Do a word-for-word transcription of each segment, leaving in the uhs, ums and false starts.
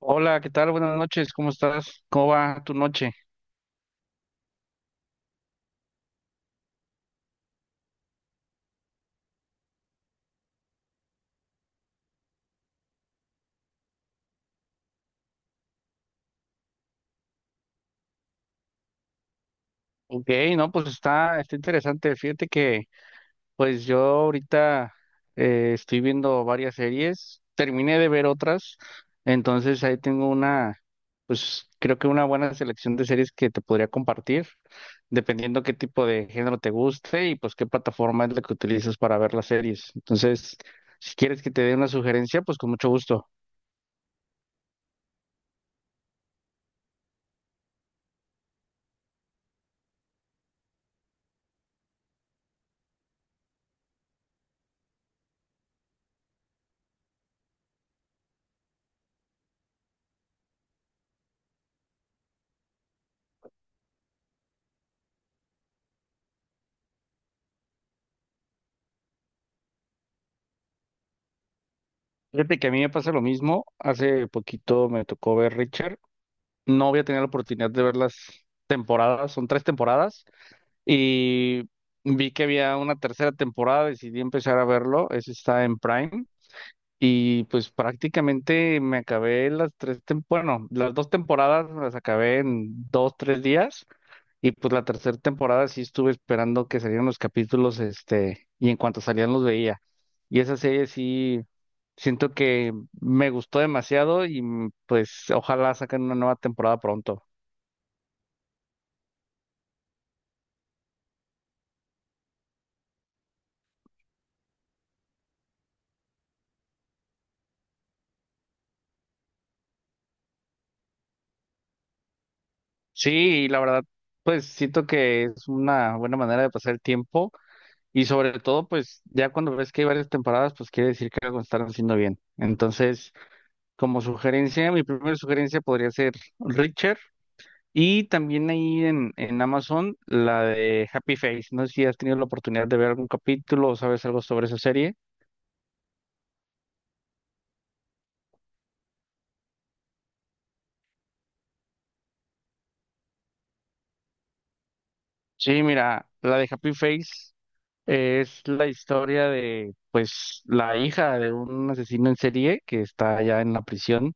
Hola, ¿qué tal? Buenas noches, ¿cómo estás? ¿Cómo va tu noche? Ok, no, pues está, está interesante. Fíjate que pues yo ahorita eh, estoy viendo varias series, terminé de ver otras, entonces ahí tengo una, pues creo que una buena selección de series que te podría compartir, dependiendo qué tipo de género te guste y pues qué plataforma es la que utilizas para ver las series. Entonces, si quieres que te dé una sugerencia, pues con mucho gusto. Fíjate que a mí me pasa lo mismo. Hace poquito me tocó ver Richard. No había tenido la oportunidad de ver las temporadas, son tres temporadas, y vi que había una tercera temporada, decidí empezar a verlo. Ese está en Prime. Y pues prácticamente me acabé las tres, tem- bueno, las dos temporadas me las acabé en dos, tres días. Y pues la tercera temporada sí estuve esperando que salieran los capítulos, este, y en cuanto salían los veía. Y esa serie sí. Siento que me gustó demasiado y mm, pues ojalá saquen una nueva temporada pronto. Sí, y la verdad, pues siento que es una buena manera de pasar el tiempo y sobre todo, pues ya cuando ves que hay varias temporadas, pues quiere decir que algo están haciendo bien. Entonces, como sugerencia, mi primera sugerencia podría ser Richard, y también ahí en, en Amazon la de Happy Face. No sé si has tenido la oportunidad de ver algún capítulo o sabes algo sobre esa serie. Sí, mira, la de Happy Face. Es la historia de, pues, la hija de un asesino en serie que está allá en la prisión,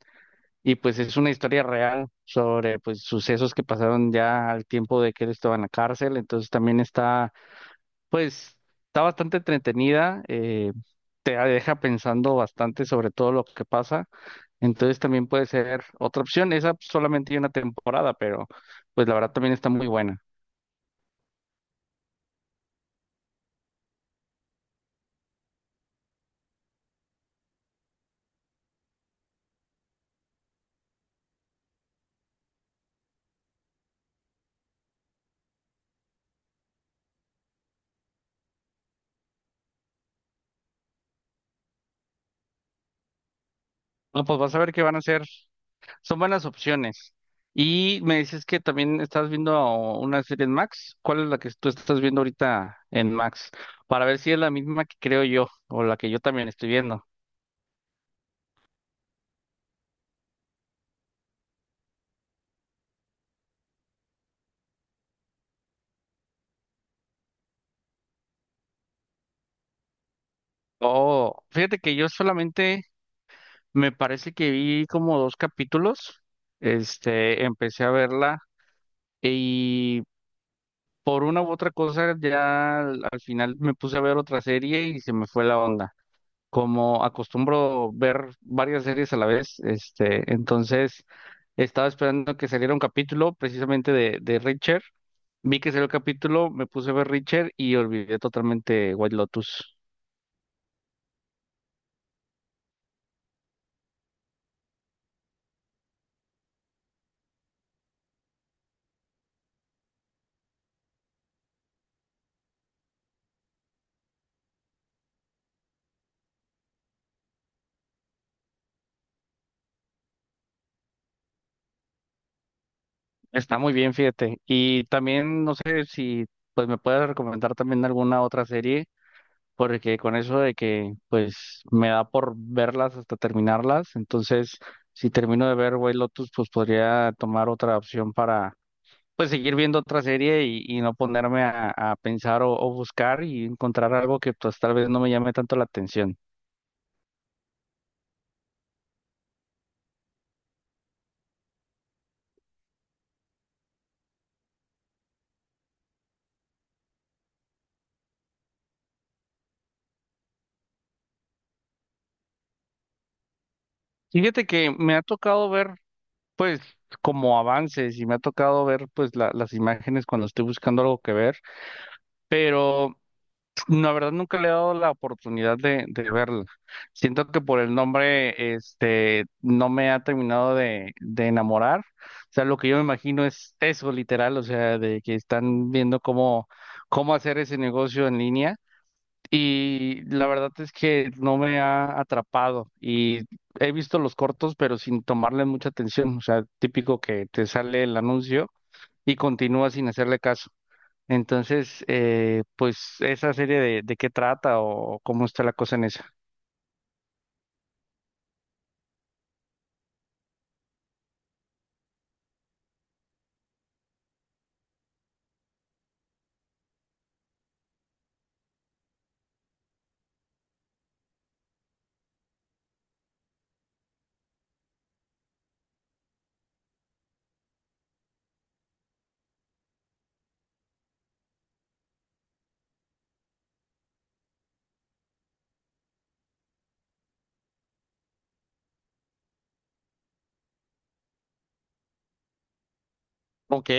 y pues es una historia real sobre, pues, sucesos que pasaron ya al tiempo de que él estaba en la cárcel. Entonces también está, pues, está bastante entretenida, eh, te deja pensando bastante sobre todo lo que pasa. Entonces también puede ser otra opción. Esa solamente hay una temporada, pero pues la verdad también está muy buena. No, pues vas a ver qué van a hacer. Son buenas opciones. Y me dices que también estás viendo una serie en Max. ¿Cuál es la que tú estás viendo ahorita en Max? Para ver si es la misma que creo yo o la que yo también estoy viendo. Oh, fíjate que yo solamente me parece que vi como dos capítulos. Este, empecé a verla y por una u otra cosa ya al al final me puse a ver otra serie y se me fue la onda, como acostumbro ver varias series a la vez, este, entonces estaba esperando que saliera un capítulo precisamente de, de Reacher. Vi que salió el capítulo, me puse a ver Reacher y olvidé totalmente White Lotus. Está muy bien, fíjate. Y también no sé si pues me puedes recomendar también alguna otra serie, porque con eso de que pues me da por verlas hasta terminarlas, entonces si termino de ver White Lotus, pues podría tomar otra opción, pues seguir viendo otra serie y, y no ponerme a, a pensar o, o buscar y encontrar algo que pues tal vez no me llame tanto la atención. Fíjate que me ha tocado ver pues como avances y me ha tocado ver pues la- las imágenes cuando estoy buscando algo que ver, pero la verdad nunca le he dado la oportunidad de, de verla. Siento que por el nombre, este, no me ha terminado de, de enamorar. O sea, lo que yo me imagino es eso, literal, o sea, de que están viendo cómo, cómo hacer ese negocio en línea. Y la verdad es que no me ha atrapado. Y he visto los cortos, pero sin tomarle mucha atención. O sea, típico que te sale el anuncio y continúas sin hacerle caso. Entonces, eh, pues esa serie de, de qué trata o cómo está la cosa en esa. Ok.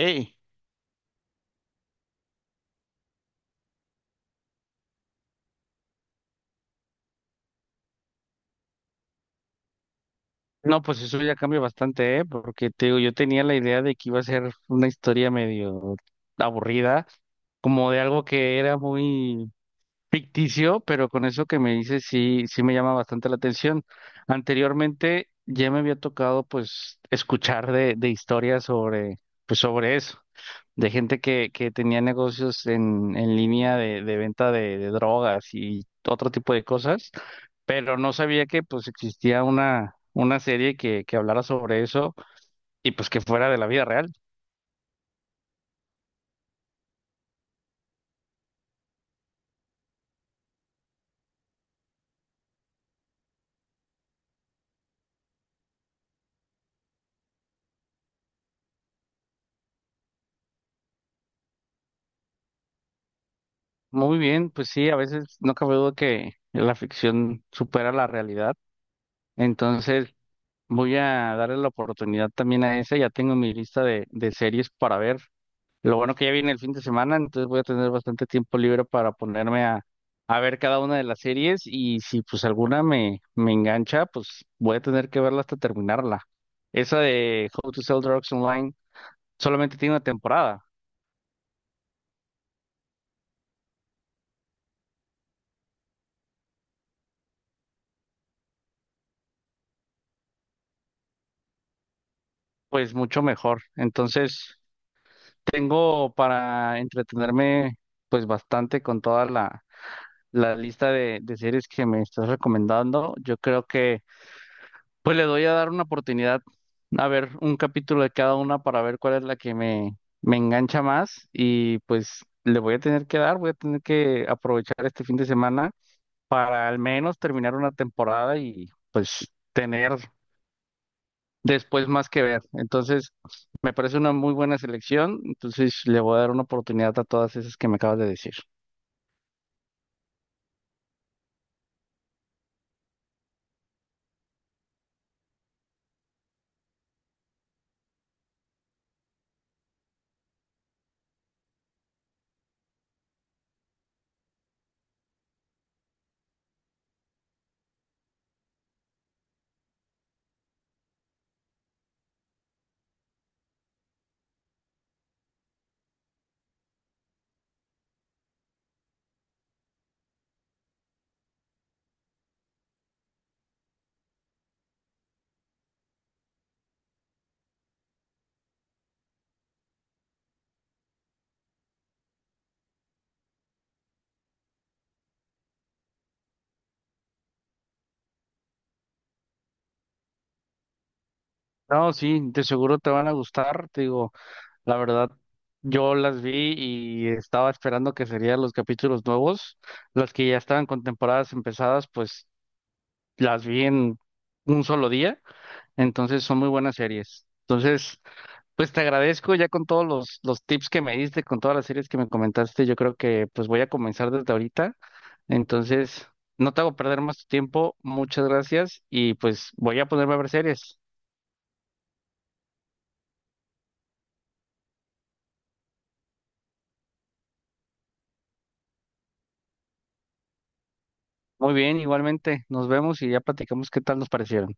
No, pues eso ya cambia bastante, ¿eh? Porque te digo, yo tenía la idea de que iba a ser una historia medio aburrida, como de algo que era muy ficticio, pero con eso que me dices sí, sí me llama bastante la atención. Anteriormente ya me había tocado pues escuchar de, de historias sobre, pues sobre eso, de gente que, que tenía negocios en, en línea de, de venta de, de drogas y otro tipo de cosas, pero no sabía que pues existía una, una serie que, que hablara sobre eso y pues que fuera de la vida real. Muy bien, pues sí, a veces no cabe duda que la ficción supera la realidad. Entonces, voy a darle la oportunidad también a esa. Ya tengo mi lista de, de series para ver. Lo bueno que ya viene el fin de semana, entonces voy a tener bastante tiempo libre para ponerme a, a ver cada una de las series, y si pues alguna me, me engancha, pues voy a tener que verla hasta terminarla. Esa de How to Sell Drugs Online solamente tiene una temporada, pues mucho mejor. Entonces tengo para entretenerme pues bastante con toda la, la lista de, de series que me estás recomendando. Yo creo que pues le doy a dar una oportunidad a ver un capítulo de cada una para ver cuál es la que me, me engancha más y pues le voy a tener que dar, voy a tener que aprovechar este fin de semana para al menos terminar una temporada y pues tener después más que ver. Entonces, me parece una muy buena selección, entonces le voy a dar una oportunidad a todas esas que me acabas de decir. No, sí, de seguro te van a gustar, te digo. La verdad, yo las vi y estaba esperando que serían los capítulos nuevos. Las que ya estaban con temporadas empezadas, pues las vi en un solo día. Entonces son muy buenas series. Entonces, pues te agradezco ya con todos los, los tips que me diste, con todas las series que me comentaste. Yo creo que pues voy a comenzar desde ahorita. Entonces, no te hago perder más tu tiempo. Muchas gracias y pues voy a ponerme a ver series. Muy bien, igualmente. Nos vemos y ya platicamos qué tal nos parecieron.